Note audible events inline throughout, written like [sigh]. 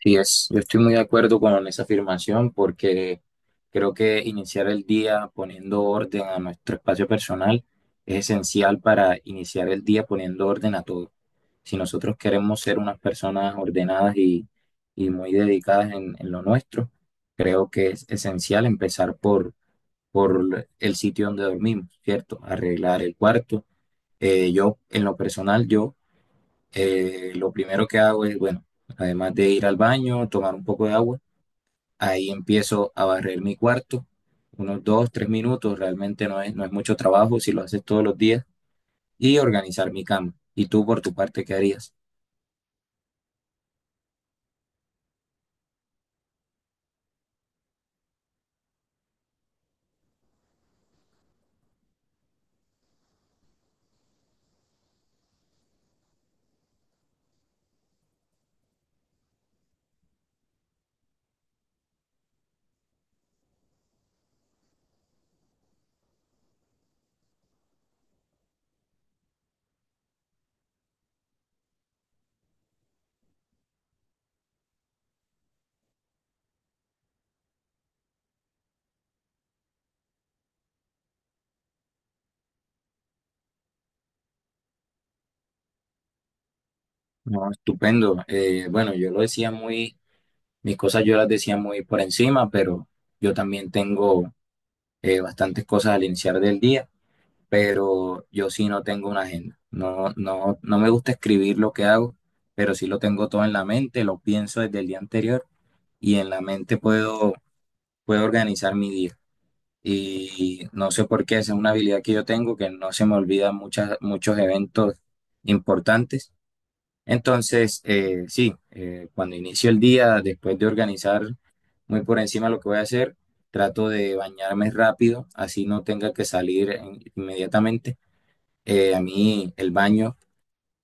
Sí, yo estoy muy de acuerdo con esa afirmación porque creo que iniciar el día poniendo orden a nuestro espacio personal es esencial para iniciar el día poniendo orden a todo. Si nosotros queremos ser unas personas ordenadas y muy dedicadas en lo nuestro, creo que es esencial empezar por el sitio donde dormimos, ¿cierto? Arreglar el cuarto. En lo personal, yo lo primero que hago es, bueno, además de ir al baño, tomar un poco de agua, ahí empiezo a barrer mi cuarto, unos 2, 3 minutos, realmente no es mucho trabajo si lo haces todos los días, y organizar mi cama. ¿Y tú por tu parte qué harías? No, estupendo. Bueno, yo lo decía muy, mis cosas yo las decía muy por encima, pero yo también tengo bastantes cosas al iniciar del día. Pero yo sí no tengo una agenda. No, no, no me gusta escribir lo que hago, pero sí lo tengo todo en la mente, lo pienso desde el día anterior y en la mente puedo organizar mi día. Y no sé por qué, esa es una habilidad que yo tengo, que no se me olvida muchos eventos importantes. Entonces, sí, cuando inicio el día, después de organizar muy por encima lo que voy a hacer, trato de bañarme rápido, así no tenga que salir inmediatamente. A mí el baño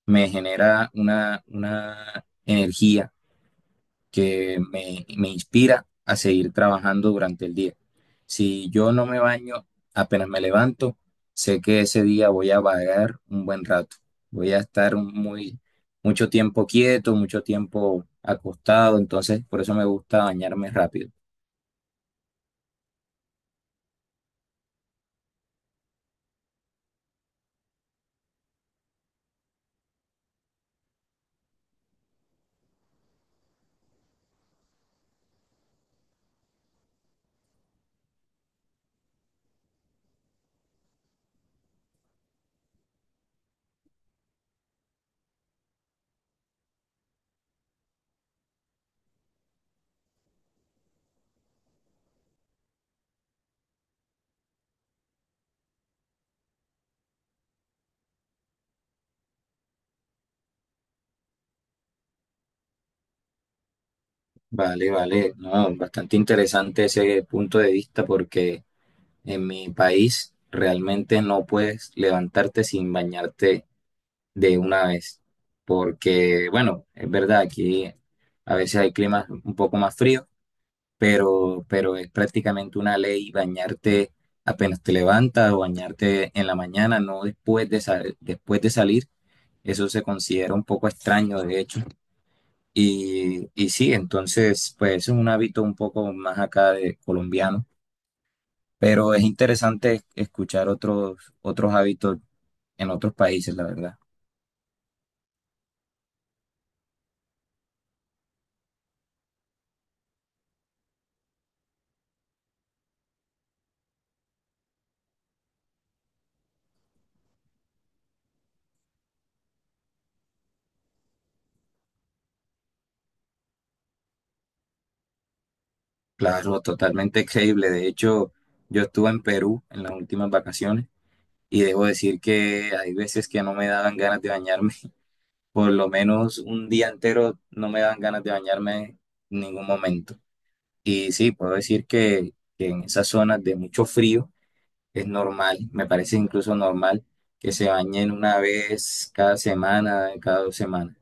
me genera una energía que me inspira a seguir trabajando durante el día. Si yo no me baño, apenas me levanto, sé que ese día voy a vagar un buen rato. Voy a estar mucho tiempo quieto, mucho tiempo acostado, entonces por eso me gusta bañarme rápido. Vale, vale, no, bastante interesante ese punto de vista porque en mi país realmente no puedes levantarte sin bañarte de una vez, porque bueno, es verdad, aquí a veces hay climas un poco más fríos, pero es prácticamente una ley bañarte apenas te levantas o bañarte en la mañana, no después de salir. Eso se considera un poco extraño, de hecho. Y sí, entonces, pues es un hábito un poco más acá de colombiano, pero es interesante escuchar otros hábitos en otros países, la verdad. Claro, totalmente creíble. De hecho, yo estuve en Perú en las últimas vacaciones y debo decir que hay veces que no me daban ganas de bañarme. [laughs] Por lo menos un día entero no me daban ganas de bañarme en ningún momento. Y sí, puedo decir que en esas zonas de mucho frío es normal, me parece incluso normal que se bañen una vez cada semana, cada dos semanas.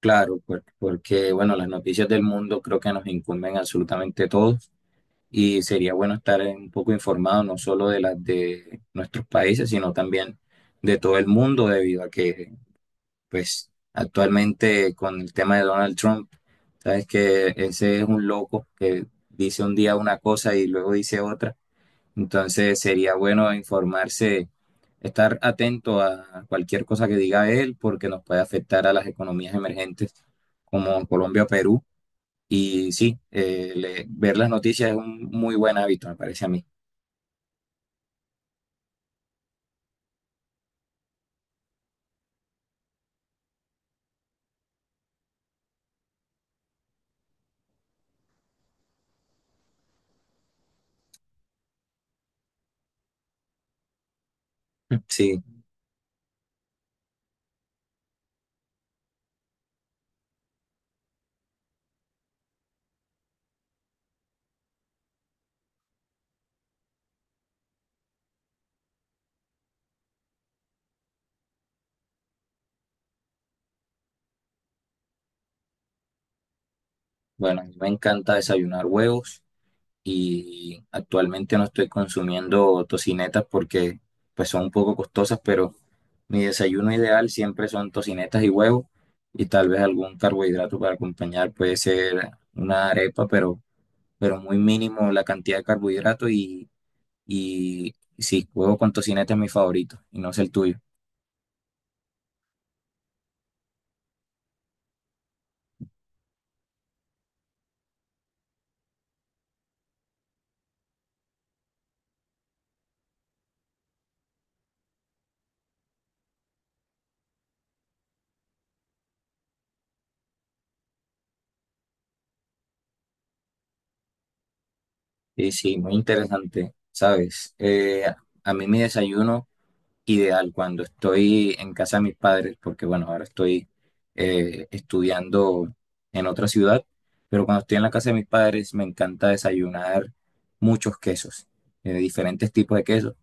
Claro, porque bueno, las noticias del mundo creo que nos incumben absolutamente a todos y sería bueno estar un poco informado no solo de las de nuestros países, sino también de todo el mundo debido a que pues actualmente con el tema de Donald Trump, sabes que ese es un loco que dice un día una cosa y luego dice otra, entonces sería bueno informarse, estar atento a cualquier cosa que diga él porque nos puede afectar a las economías emergentes como Colombia o Perú. Y sí, ver las noticias es un muy buen hábito, me parece a mí. [laughs] Sí, bueno, a mí me encanta desayunar huevos y actualmente no estoy consumiendo tocinetas porque pues son un poco costosas, pero mi desayuno ideal siempre son tocinetas y huevo y tal vez algún carbohidrato para acompañar, puede ser una arepa, pero muy mínimo la cantidad de carbohidrato y sí, huevo con tocineta es mi favorito y no es el tuyo. Y sí, muy interesante, ¿sabes? A mí mi desayuno ideal cuando estoy en casa de mis padres, porque bueno, ahora estoy estudiando en otra ciudad, pero cuando estoy en la casa de mis padres me encanta desayunar muchos quesos, diferentes tipos de quesos,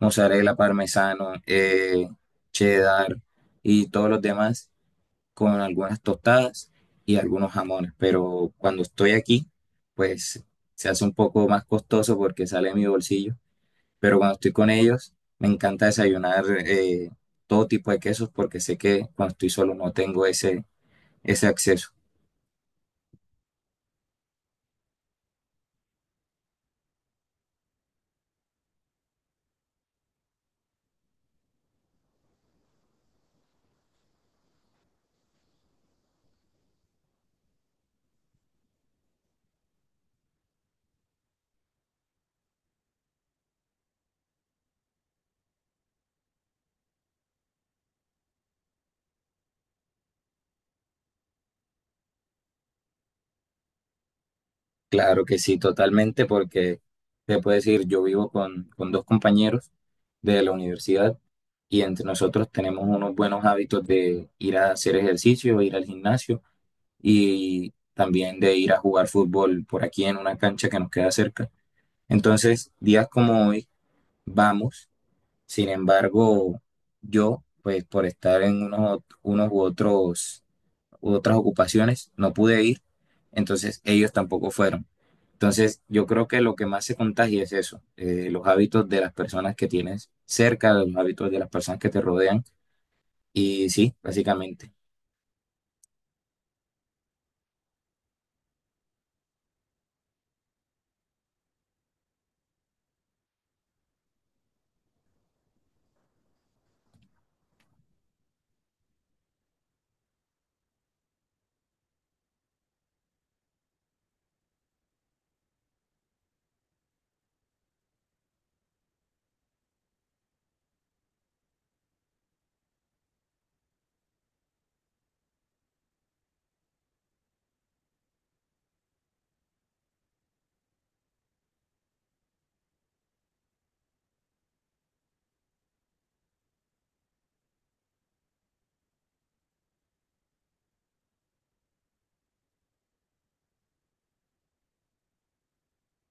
mozzarella, parmesano, cheddar y todos los demás con algunas tostadas y algunos jamones, pero cuando estoy aquí, pues se hace un poco más costoso porque sale de mi bolsillo, pero cuando estoy con ellos me encanta desayunar todo tipo de quesos porque sé que cuando estoy solo no tengo ese acceso. Claro que sí, totalmente, porque te puedo decir, yo vivo con dos compañeros de la universidad y entre nosotros tenemos unos buenos hábitos de ir a hacer ejercicio, ir al gimnasio y también de ir a jugar fútbol por aquí en una cancha que nos queda cerca. Entonces, días como hoy, vamos. Sin embargo, yo, pues por estar en unos u otros, u otras ocupaciones, no pude ir, entonces ellos tampoco fueron. Entonces, yo creo que lo que más se contagia es eso, los hábitos de las personas que tienes cerca, los hábitos de las personas que te rodean, y sí, básicamente.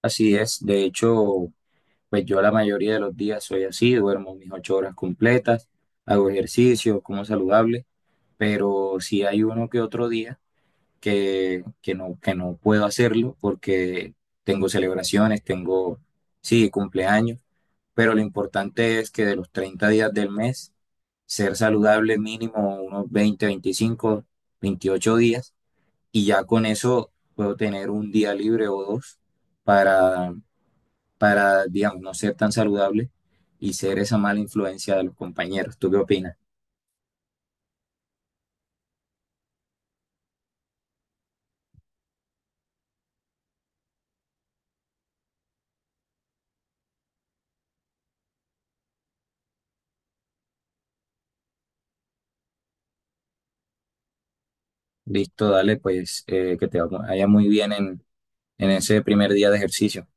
Así es, de hecho, pues yo la mayoría de los días soy así, duermo mis 8 horas completas, hago ejercicio, como saludable, pero si hay uno que otro día que no puedo hacerlo porque tengo celebraciones, tengo, sí, cumpleaños, pero lo importante es que de los 30 días del mes, ser saludable mínimo unos 20, 25, 28 días y ya con eso puedo tener un día libre o dos para, para digamos, no ser tan saludable y ser esa mala influencia de los compañeros. ¿Tú qué opinas? Listo, dale, pues que te vaya muy bien en ese primer día de ejercicio.